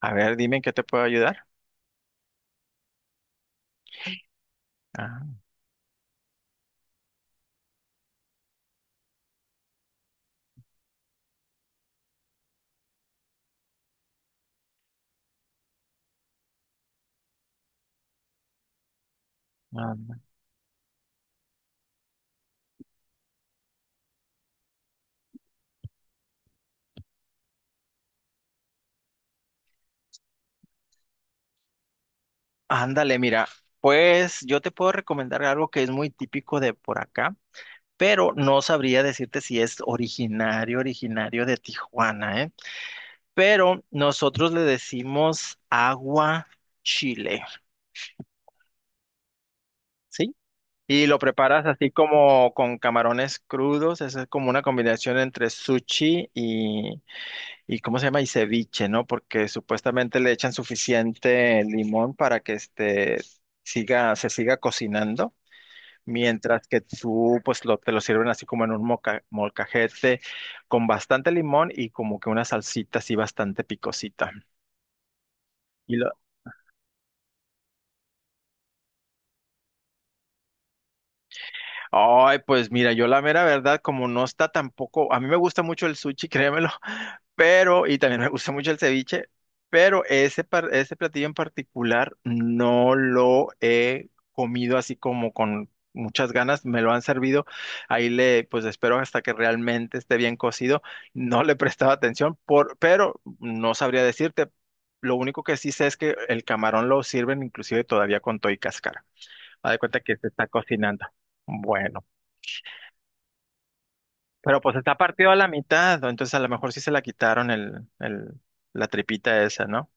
A ver, dime en qué te puedo ayudar. Ah, anda. Ándale, mira, pues yo te puedo recomendar algo que es muy típico de por acá, pero no sabría decirte si es originario de Tijuana, ¿eh? Pero nosotros le decimos agua chile. ¿Sí? Y lo preparas así como con camarones crudos, esa es como una combinación entre sushi y... ¿Y cómo se llama? Y ceviche, ¿no? Porque supuestamente le echan suficiente limón para que este se siga cocinando, mientras que tú pues lo, te lo sirven así como en un molcajete con bastante limón y como que una salsita así bastante picosita. Ay, pues mira, yo la mera verdad, como no está tampoco, a mí me gusta mucho el sushi, créemelo, pero, y también me gusta mucho el ceviche, pero ese, ese platillo en particular no lo he comido así como con muchas ganas, me lo han servido, ahí le, pues espero hasta que realmente esté bien cocido, no le he prestado atención, por, pero no sabría decirte, lo único que sí sé es que el camarón lo sirven inclusive todavía con toy y cáscara, haz de cuenta que se está cocinando. Bueno. Pero pues está partido a la mitad, ¿no? Entonces a lo mejor sí se la quitaron el, la tripita esa, ¿no?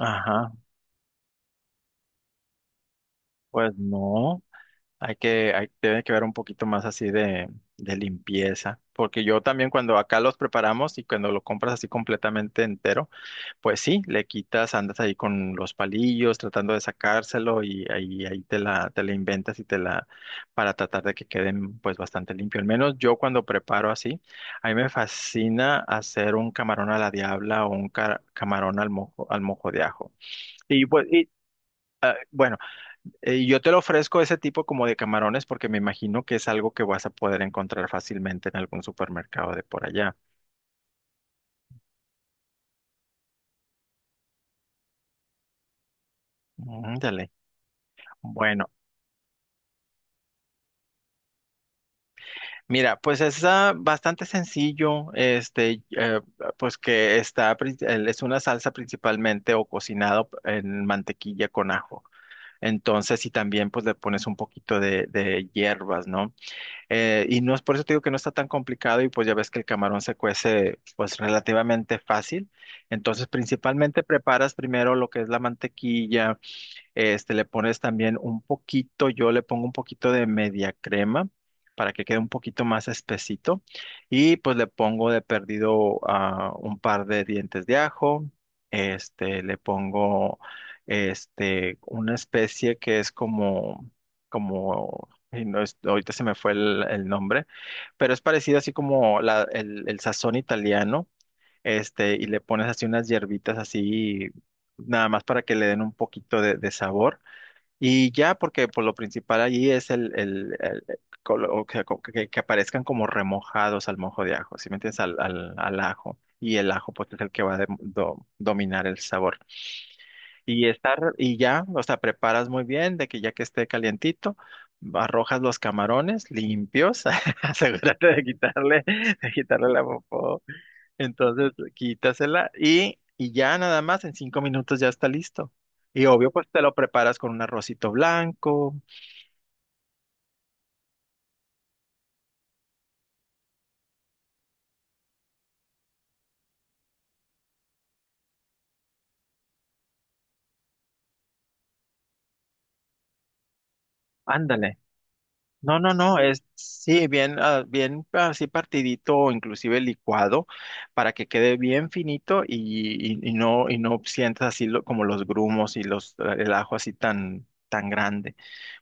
Ajá, pues no, hay que tiene que ver un poquito más así de limpieza, porque yo también cuando acá los preparamos y cuando lo compras así completamente entero, pues sí, le quitas, andas ahí con los palillos tratando de sacárselo y ahí te la inventas y te la, para tratar de que queden pues bastante limpio. Al menos yo cuando preparo así, a mí me fascina hacer un camarón a la diabla o un camarón al mojo de ajo. Y bueno, yo te lo ofrezco ese tipo como de camarones porque me imagino que es algo que vas a poder encontrar fácilmente en algún supermercado de por allá. Ándale. Bueno. Mira, pues es bastante sencillo. Pues que está, es una salsa principalmente o cocinado en mantequilla con ajo. Entonces, y también pues le pones un poquito de hierbas, ¿no? Y no es, por eso te digo que no está tan complicado y pues ya ves que el camarón se cuece pues relativamente fácil. Entonces, principalmente preparas primero lo que es la mantequilla, le pones también un poquito, yo le pongo un poquito de media crema para que quede un poquito más espesito. Y pues le pongo de perdido un par de dientes de ajo. Le pongo una especie que es como y no es, ahorita se me fue el nombre, pero es parecido así como el sazón italiano. Y le pones así unas hierbitas así, nada más para que le den un poquito de sabor. Y ya, porque por lo principal allí es el- colo- o que, que aparezcan como remojados al mojo de ajo, ¿sí me entiendes? Al ajo. Y el ajo, pues, es el que va a dominar el sabor. Y ya, o sea, preparas muy bien de que ya que esté calientito, arrojas los camarones limpios, asegúrate de quitarle la popó, entonces, quítasela y ya nada más, en 5 minutos ya está listo. Y obvio, pues te lo preparas con un arrocito blanco. Ándale. No, no, no, es sí, bien, bien así partidito o inclusive licuado para que quede bien finito y no sientas así como los grumos y los, el ajo así tan grande,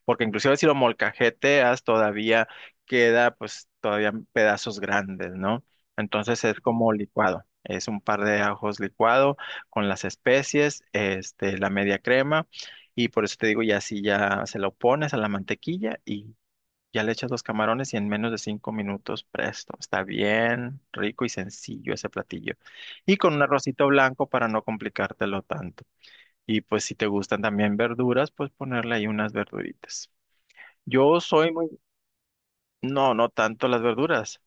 porque inclusive si lo molcajeteas todavía queda pues todavía pedazos grandes, ¿no? Entonces es como licuado, es un par de ajos licuado con las especies, la media crema, y por eso te digo, ya si ya se lo pones a la mantequilla y ya le echas los camarones, y en menos de 5 minutos presto, está bien rico y sencillo ese platillo, y con un arrocito blanco para no complicártelo tanto. Y pues si te gustan también verduras, pues ponerle ahí unas verduritas. Yo soy muy... No, no tanto las verduras.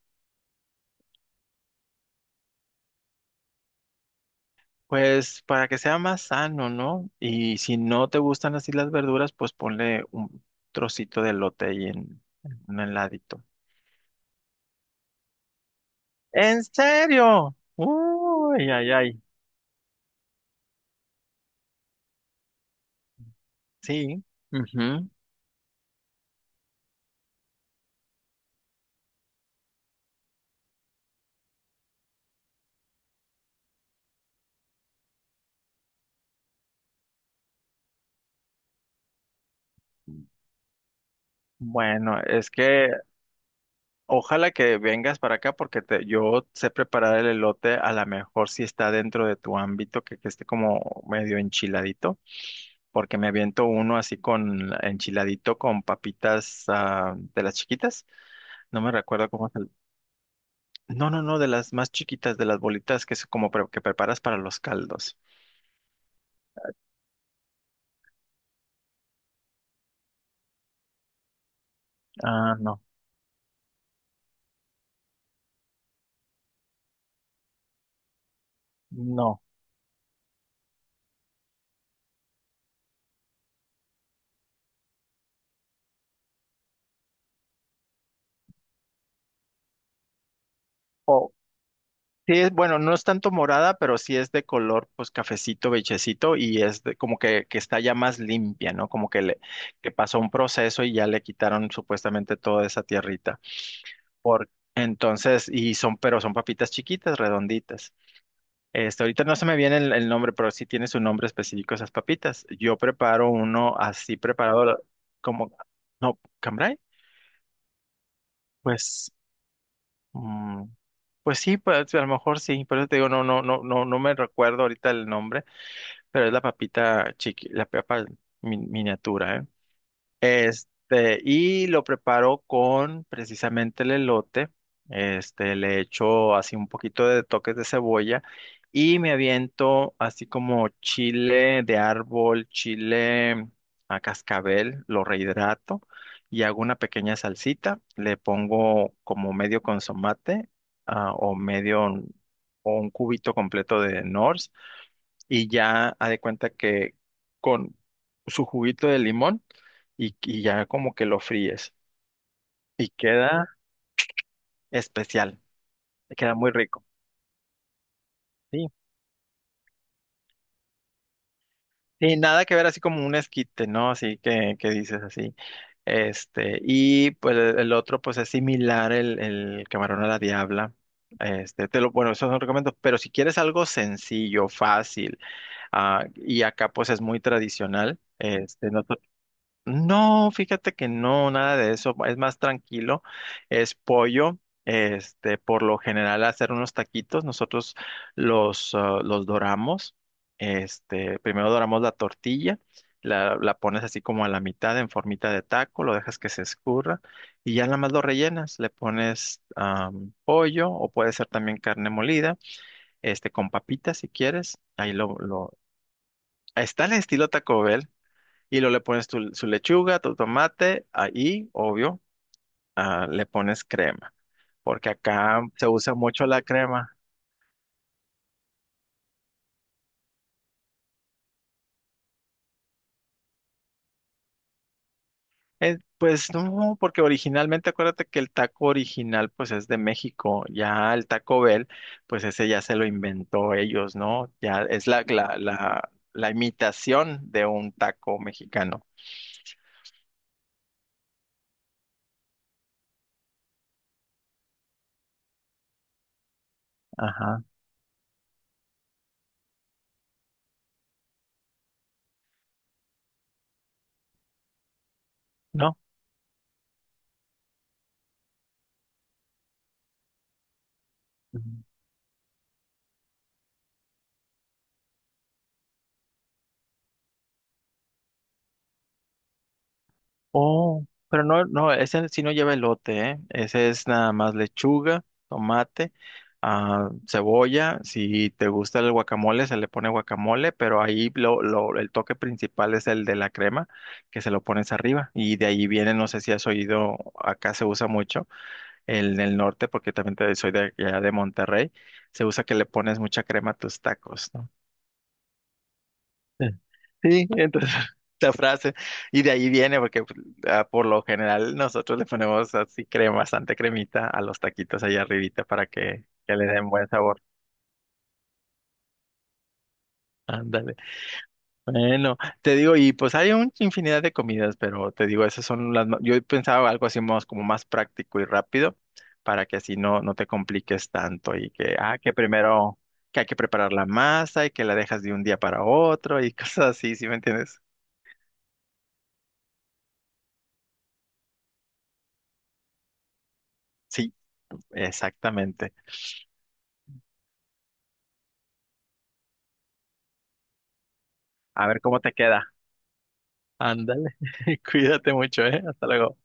Pues para que sea más sano, ¿no? Y si no te gustan así las verduras, pues ponle un trocito de elote ahí en un heladito. ¿En serio? Uy, ay, ay. Sí. Ujú. Bueno, es que ojalá que vengas para acá porque te, yo sé preparar el elote, a lo mejor si está dentro de tu ámbito, que esté como medio enchiladito, porque me aviento uno así con enchiladito con papitas de las chiquitas. No me recuerdo cómo es el... No, no, no, de las más chiquitas, de las bolitas que es como que preparas para los caldos. Ah, no, no. O sí es, bueno, no es tanto morada, pero sí es de color, pues cafecito, beigecito, y es de, como que está ya más limpia, ¿no? Como que le, que pasó un proceso y ya le quitaron supuestamente toda esa tierrita. Por, entonces, y son, pero son papitas chiquitas, redonditas. Ahorita no se me viene el nombre, pero sí tiene su nombre específico esas papitas. Yo preparo uno así preparado como, no, cambray, pues, mm, pues sí, pues a lo mejor sí, por eso te digo, no, no, no, no, no me recuerdo ahorita el nombre, pero es la papita chiqui, la papa miniatura, ¿eh? Y lo preparo con precisamente el elote. Le echo así un poquito de toques de cebolla y me aviento así como chile de árbol, chile a cascabel, lo rehidrato y hago una pequeña salsita. Le pongo como medio consomate, o medio o un cubito completo de Norse, y ya ha de cuenta que con su juguito de limón, y ya como que lo fríes y queda especial, queda muy rico. Sí, sí, nada que ver así como un esquite, ¿no? Así que dices así. Y pues el otro pues es similar el camarón a la diabla. Te lo, bueno, esos son recomiendo, pero si quieres algo sencillo, fácil, y acá pues es muy tradicional, no... No, fíjate que no, nada de eso, es más tranquilo, es pollo. Por lo general hacer unos taquitos, nosotros los, los doramos, primero doramos la tortilla, la pones así como a la mitad en formita de taco, lo dejas que se escurra y ya nada más lo rellenas, le pones pollo o puede ser también carne molida, con papitas si quieres, ahí lo, está el estilo Taco Bell, y luego le pones tu, su lechuga, tu tomate, ahí, obvio, le pones crema, porque acá se usa mucho la crema. Pues no, porque originalmente acuérdate que el taco original pues es de México, ya el Taco Bell, pues ese ya se lo inventó ellos, ¿no? Ya es la imitación de un taco mexicano. Ajá, ¿no? Oh, pero no, no, ese sí no lleva elote, ¿eh? Ese es nada más lechuga, tomate, cebolla. Si te gusta el guacamole, se le pone guacamole, pero ahí lo, el toque principal es el de la crema, que se lo pones arriba. Y de ahí viene, no sé si has oído, acá se usa mucho, el del norte, porque también soy de allá de Monterrey, se usa que le pones mucha crema a tus tacos, ¿no? Sí, entonces esta frase, y de ahí viene, porque pues, por lo general nosotros le ponemos así crema, bastante cremita a los taquitos allá arribita para que le den buen sabor. Ándale. Bueno, te digo, y pues hay un infinidad de comidas, pero te digo, esas son las yo pensaba algo así más como más práctico y rápido, para que así no, no te compliques tanto y que, que primero que hay que preparar la masa y que la dejas de un día para otro y cosas así, ¿sí me entiendes? Sí, exactamente. A ver cómo te queda. Ándale, cuídate mucho, ¿eh? Hasta luego.